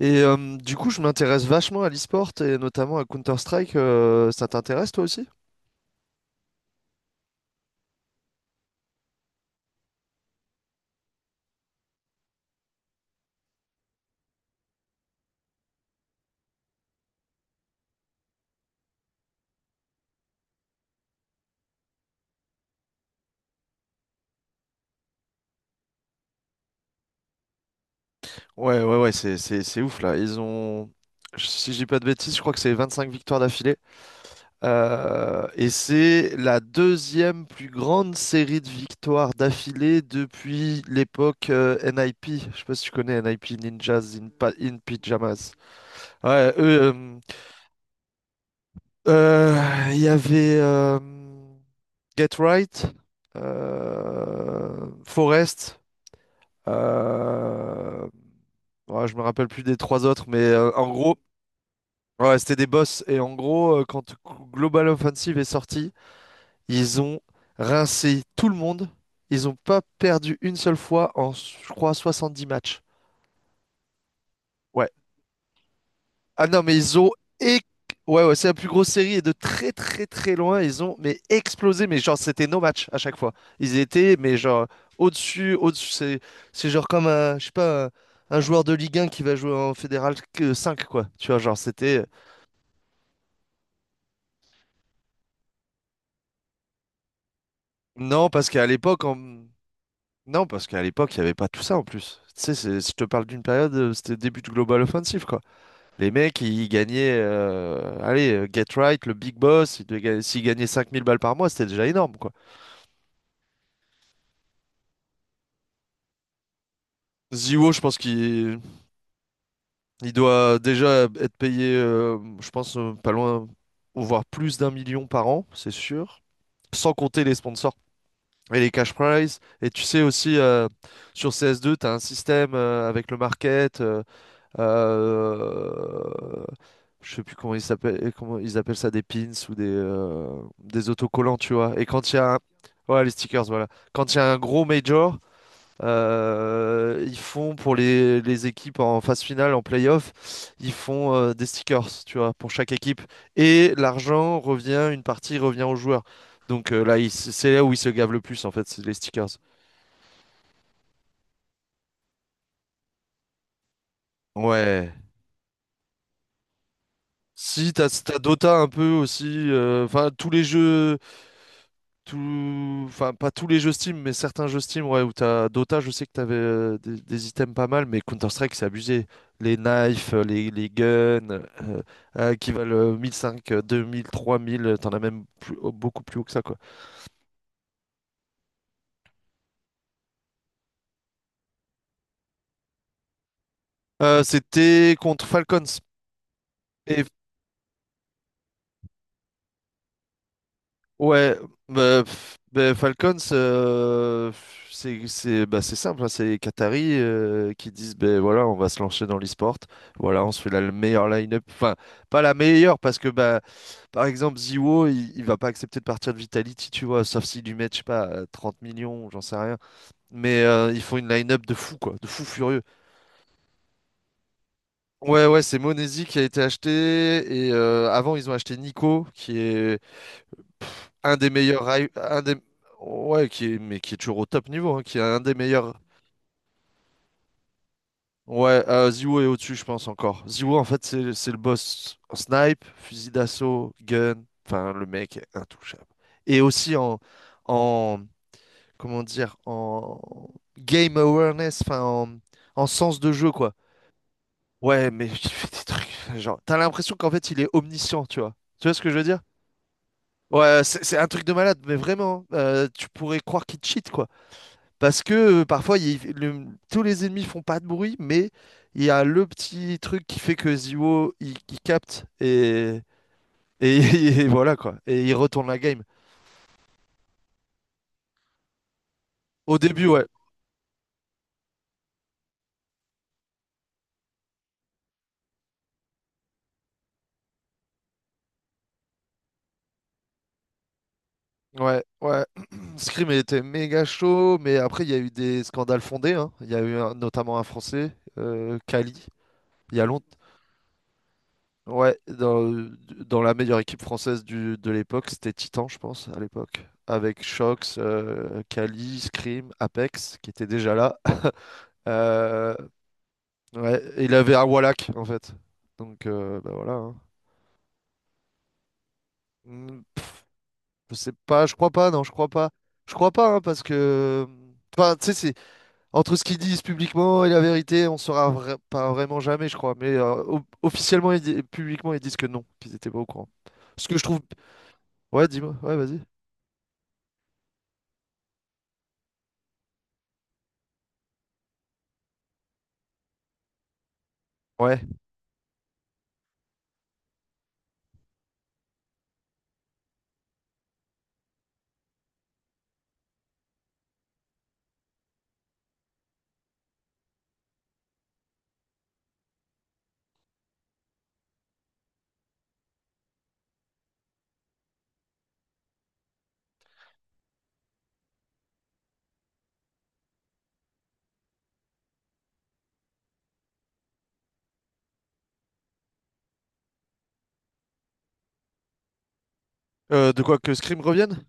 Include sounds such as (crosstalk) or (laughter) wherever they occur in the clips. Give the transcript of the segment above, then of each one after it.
Et du coup, je m'intéresse vachement à l'e-sport et notamment à Counter-Strike. Ça t'intéresse toi aussi? Ouais, ouais, ouais, c'est ouf là. Ils ont, si je dis pas de bêtises, je crois que c'est 25 victoires d'affilée. Et c'est la deuxième plus grande série de victoires d'affilée depuis l'époque NIP. Je sais pas si tu connais NIP Ninjas in Pyjamas. Ouais, eux, il y avait Get Right, Forest, euh, ouais, je me rappelle plus des trois autres, mais en gros, ouais, c'était des boss. Et en gros, quand Global Offensive est sorti, ils ont rincé tout le monde. Ils n'ont pas perdu une seule fois en, je crois, 70 matchs. Ouais. Ah non, mais ils ont... éc- Ouais, ouais, c'est la plus grosse série et de très très très loin, ils ont mais explosé, mais genre c'était nos matchs à chaque fois. Ils étaient, mais genre au-dessus, au-dessus, c'est genre comme un, je sais pas, un joueur de Ligue un qui va jouer en Fédéral que 5, quoi. Tu vois, genre c'était. Non, parce qu'à l'époque, il n'y avait pas tout ça en plus. Tu sais, je te parle d'une période, c'était le début du Global Offensive, quoi. Les mecs, ils gagnaient, allez, Get Right, le Big Boss, ils devaient s'ils gagnaient 5 000 balles par mois, c'était déjà énorme, quoi. Ziwo, je pense qu'il il doit déjà être payé, je pense, pas loin, voire plus d'un million par an, c'est sûr. Sans compter les sponsors et les cash prizes. Et tu sais aussi, sur CS2, tu as un système avec le market. Euh, je sais plus comment ils s'appellent, comment ils appellent ça, des pins ou des autocollants, tu vois. Et quand il y a un. Ouais, les stickers, voilà. Quand il y a un gros major. Ils font pour les équipes en phase finale, en playoff, ils font des stickers, tu vois, pour chaque équipe. Et l'argent revient, une partie revient aux joueurs. Donc là, c'est là où ils se gavent le plus, en fait, c'est les stickers. Ouais. Si, t'as Dota un peu aussi. Enfin, tous les jeux. Enfin, pas tous les jeux Steam, mais certains jeux Steam, ouais, où t'as Dota, je sais que t'avais des items pas mal, mais Counter-Strike, c'est abusé. Les knives, les guns, qui valent 1 500, 2 000, 3 000, t'en as même beaucoup plus haut que ça, quoi. C'était contre Falcons. Et ouais, bah, pff, bah, Falcons, pff, c'est simple, hein, c'est les Qataris qui disent ben voilà, on va se lancer dans l'e-sport, voilà, on se fait la le meilleure line-up, enfin pas la meilleure parce que bah par exemple Ziwo, il va pas accepter de partir de Vitality, tu vois, sauf s'il lui met je sais pas 30 millions, j'en sais rien, mais ils font une line-up de fou quoi, de fou furieux. Ouais ouais, c'est Monesi qui a été acheté et avant ils ont acheté Nico qui est un des meilleurs, un des, ouais, qui est, mais qui est toujours au top niveau, hein, qui est un des meilleurs. Ouais, Ziwo est au-dessus, je pense encore. Ziwo, en fait, c'est le boss en snipe, fusil d'assaut, gun. Enfin, le mec est intouchable. Et aussi en, comment dire, en game awareness, enfin, en sens de jeu, quoi. Ouais, mais (laughs) il fait des trucs. Enfin, genre, t'as l'impression qu'en fait, il est omniscient, tu vois. Tu vois ce que je veux dire? Ouais, c'est un truc de malade, mais vraiment, hein, tu pourrais croire qu'il cheat, quoi. Parce que parfois, tous les ennemis font pas de bruit, mais il y a le petit truc qui fait que Zio, il capte et, (laughs) et voilà quoi. Et il retourne la game. Au début, ouais. Ouais, ouais. (clears throat) Scream était méga chaud, mais après, il y a eu des scandales fondés, hein. Il y a eu notamment un Français, Kali, il y a longtemps. Ouais, dans la meilleure équipe française de l'époque, c'était Titan, je pense, à l'époque. Avec Shox, Kali, Scream, Apex, qui étaient déjà là. (laughs) Euh, ouais, et il avait Awalak en fait. Donc bah voilà, hein. Pff, je sais pas, je crois pas, non, je crois pas. Je crois pas, hein, parce que. Enfin, tu sais, c'est entre ce qu'ils disent publiquement et la vérité, on saura pas vraiment jamais, je crois. Mais officiellement et publiquement, ils disent que non, qu'ils étaient pas au courant. Ce que je trouve. Ouais, dis-moi, ouais, vas-y. Ouais. De quoi que Scream revienne?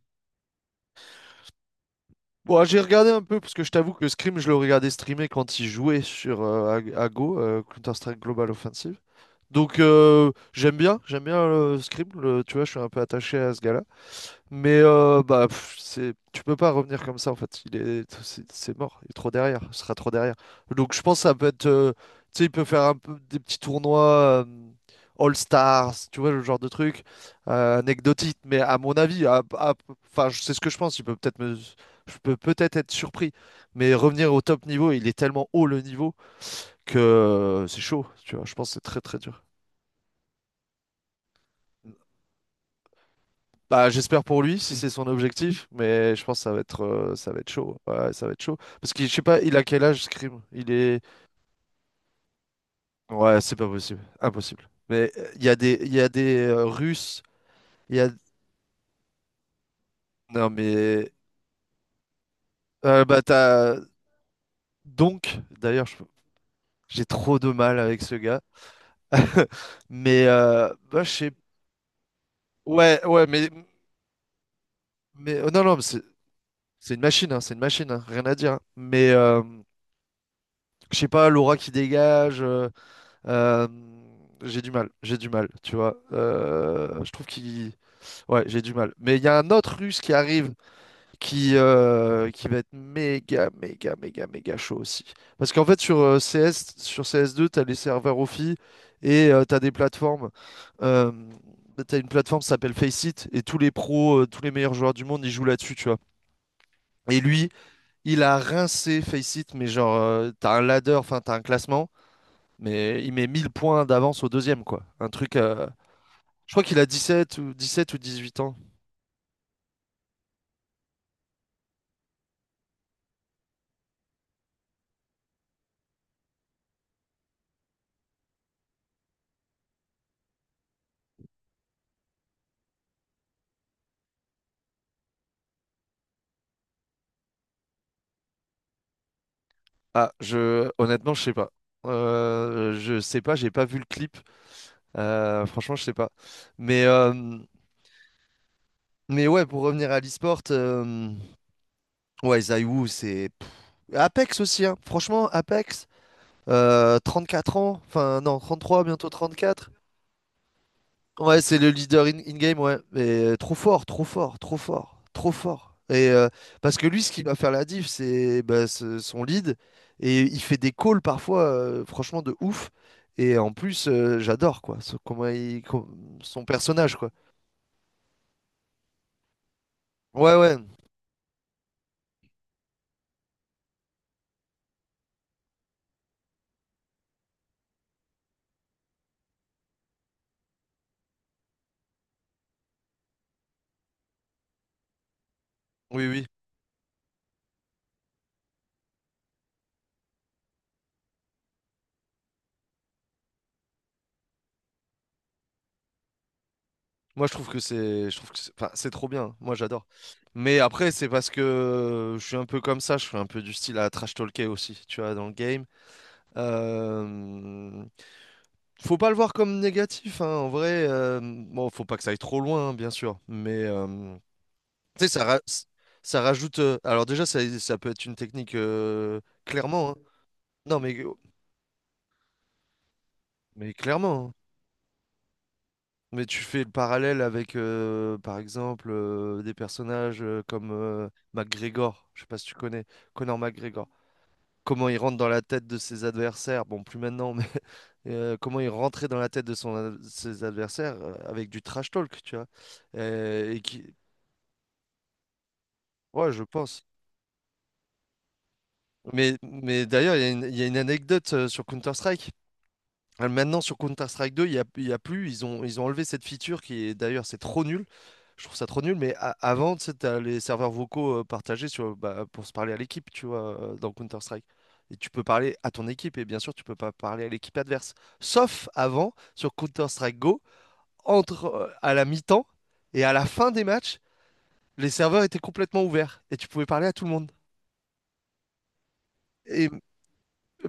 Bon, j'ai regardé un peu, parce que je t'avoue que Scream, je le regardais streamer quand il jouait à Go, Counter-Strike Global Offensive. Donc j'aime bien Scribble, tu vois, je suis un peu attaché à ce gars-là. Mais bah pff, tu peux pas revenir comme ça en fait. Il est, c'est mort, il est trop derrière, il sera trop derrière. Donc je pense que ça peut être, tu sais, il peut faire un peu des petits tournois All Stars, tu vois, le genre de truc anecdotique. Mais à mon avis, enfin c'est ce que je pense. Il peut peut-être me, Je peux peut-être être surpris, mais revenir au top niveau, il est tellement haut le niveau que c'est chaud, tu vois. Je pense que c'est très très dur. Bah, j'espère pour lui si c'est son objectif, mais je pense que ça va être chaud. Ouais, ça va être chaud. Parce que je sais pas, il a quel âge, Scream? Il est. Ouais, c'est pas possible. Impossible. Mais il y a des Russes. Il y a. Non, mais. Bah, t'as. Donc, d'ailleurs, j'ai trop de mal avec ce gars. (laughs) Mais. Bah, je sais. Ouais, ouais, non, non, mais c'est une machine, hein, c'est une machine, hein, rien à dire, hein. Mais. Je sais pas, l'aura qui dégage. Euh, j'ai du mal, j'ai du mal, tu vois. Je trouve qu'il... Ouais, j'ai du mal. Mais il y a un autre Russe qui arrive qui va être méga, méga, méga, méga chaud aussi. Parce qu'en fait, sur CS, sur cs deux, t'as les serveurs offi et t'as des plateformes. Euh, T'as une plateforme qui s'appelle Faceit et tous les pros, tous les meilleurs joueurs du monde, ils jouent là-dessus, tu vois. Et lui, il a rincé Faceit, mais genre, t'as un ladder, enfin, t'as un classement. Mais il met 1 000 points d'avance au deuxième, quoi. Un truc. Je crois qu'il a dix sept ou 18 ans. Ah, je honnêtement, je sais pas. Je sais pas, j'ai pas vu le clip. Franchement, je sais pas. Mais euh, mais ouais, pour revenir à l'e-sport, ouais, Zai Wu, c'est pff, Apex aussi, hein. Franchement, Apex, euh, 4 ans, enfin non, 33 bientôt 34. Ouais, c'est le leader in-game, ouais. Mais trop fort, trop fort, trop fort, trop fort. Et parce que lui, ce qui va faire la diff, c'est bah, son lead. Et il fait des calls parfois, franchement, de ouf. Et en plus, j'adore, quoi. Comment il, son personnage, quoi. Ouais, ouais. Oui, oui. Moi, je trouve que c'est, enfin, c'est trop bien. Moi, j'adore. Mais après, c'est parce que je suis un peu comme ça. Je suis un peu du style à trash talker aussi, tu vois, dans le game. Euh, Faut pas le voir comme négatif, hein, en vrai. Bon, faut pas que ça aille trop loin, hein, bien sûr. Mais tu sais, ça rajoute. Alors déjà, ça peut être une technique clairement, hein. Non, mais oh, mais clairement, hein. Mais tu fais le parallèle avec, par exemple, des personnages comme McGregor. Je sais pas si tu connais Conor McGregor, comment il rentre dans la tête de ses adversaires, bon, plus maintenant, mais (laughs) comment il rentrait dans la tête de ses adversaires avec du trash talk, tu vois. Et qui. Ouais, je pense. Mais d'ailleurs, il y a une anecdote sur Counter-Strike. Ah, maintenant, sur Counter-Strike 2, il y a plus. Ils ont enlevé cette feature qui est d'ailleurs, c'est trop nul. Je trouve ça trop nul. Mais avant, tu sais, t'as les serveurs vocaux partagés sur, bah, pour se parler à l'équipe, tu vois, dans Counter-Strike. Et tu peux parler à ton équipe. Et bien sûr, tu peux pas parler à l'équipe adverse. Sauf avant, sur Counter-Strike Go, entre à la mi-temps et à la fin des matchs, les serveurs étaient complètement ouverts. Et tu pouvais parler à tout le monde. Et,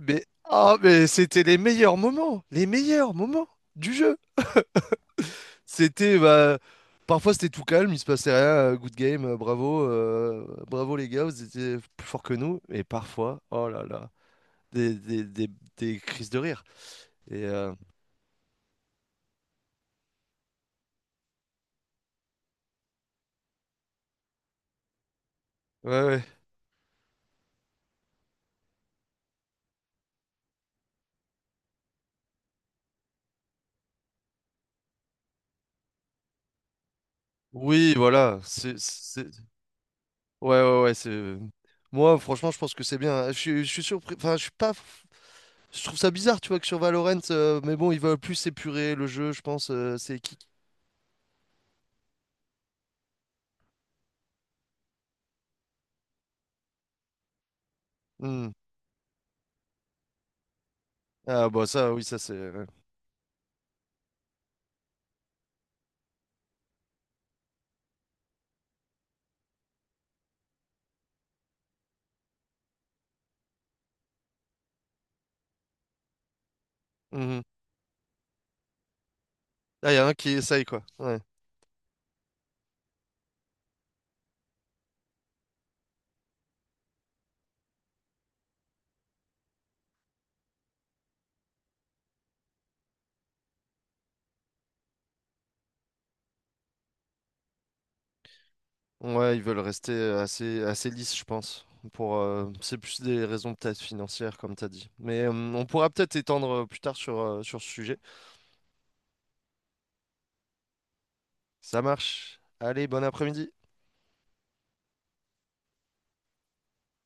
mais, ah, mais c'était les meilleurs moments. Les meilleurs moments du jeu. C'était bah, parfois c'était tout calme, il se passait rien, good game, bravo les gars, vous étiez plus forts que nous. Et parfois, oh là là, des, des, des, des crises de rire. Et ouais, ouais. Oui, voilà. C'est- Ouais, ouais, ouais. C'est... Moi, franchement, je pense que c'est bien. Je suis surpris. Enfin, je suis pas. Je trouve ça bizarre, tu vois, que sur Valorant, mais bon, ils veulent plus épurer le jeu, je pense. C'est qui? Hmm. Ah bah ça, oui, ça c'est, ouais. Mhm. Ah, il y a un qui essaye quoi. Ouais. Ouais, ils veulent rester assez, assez lisses, je pense. C'est plus des raisons peut-être financières, comme t'as dit. Mais on pourra peut-être étendre plus tard sur ce sujet. Ça marche. Allez, bon après-midi.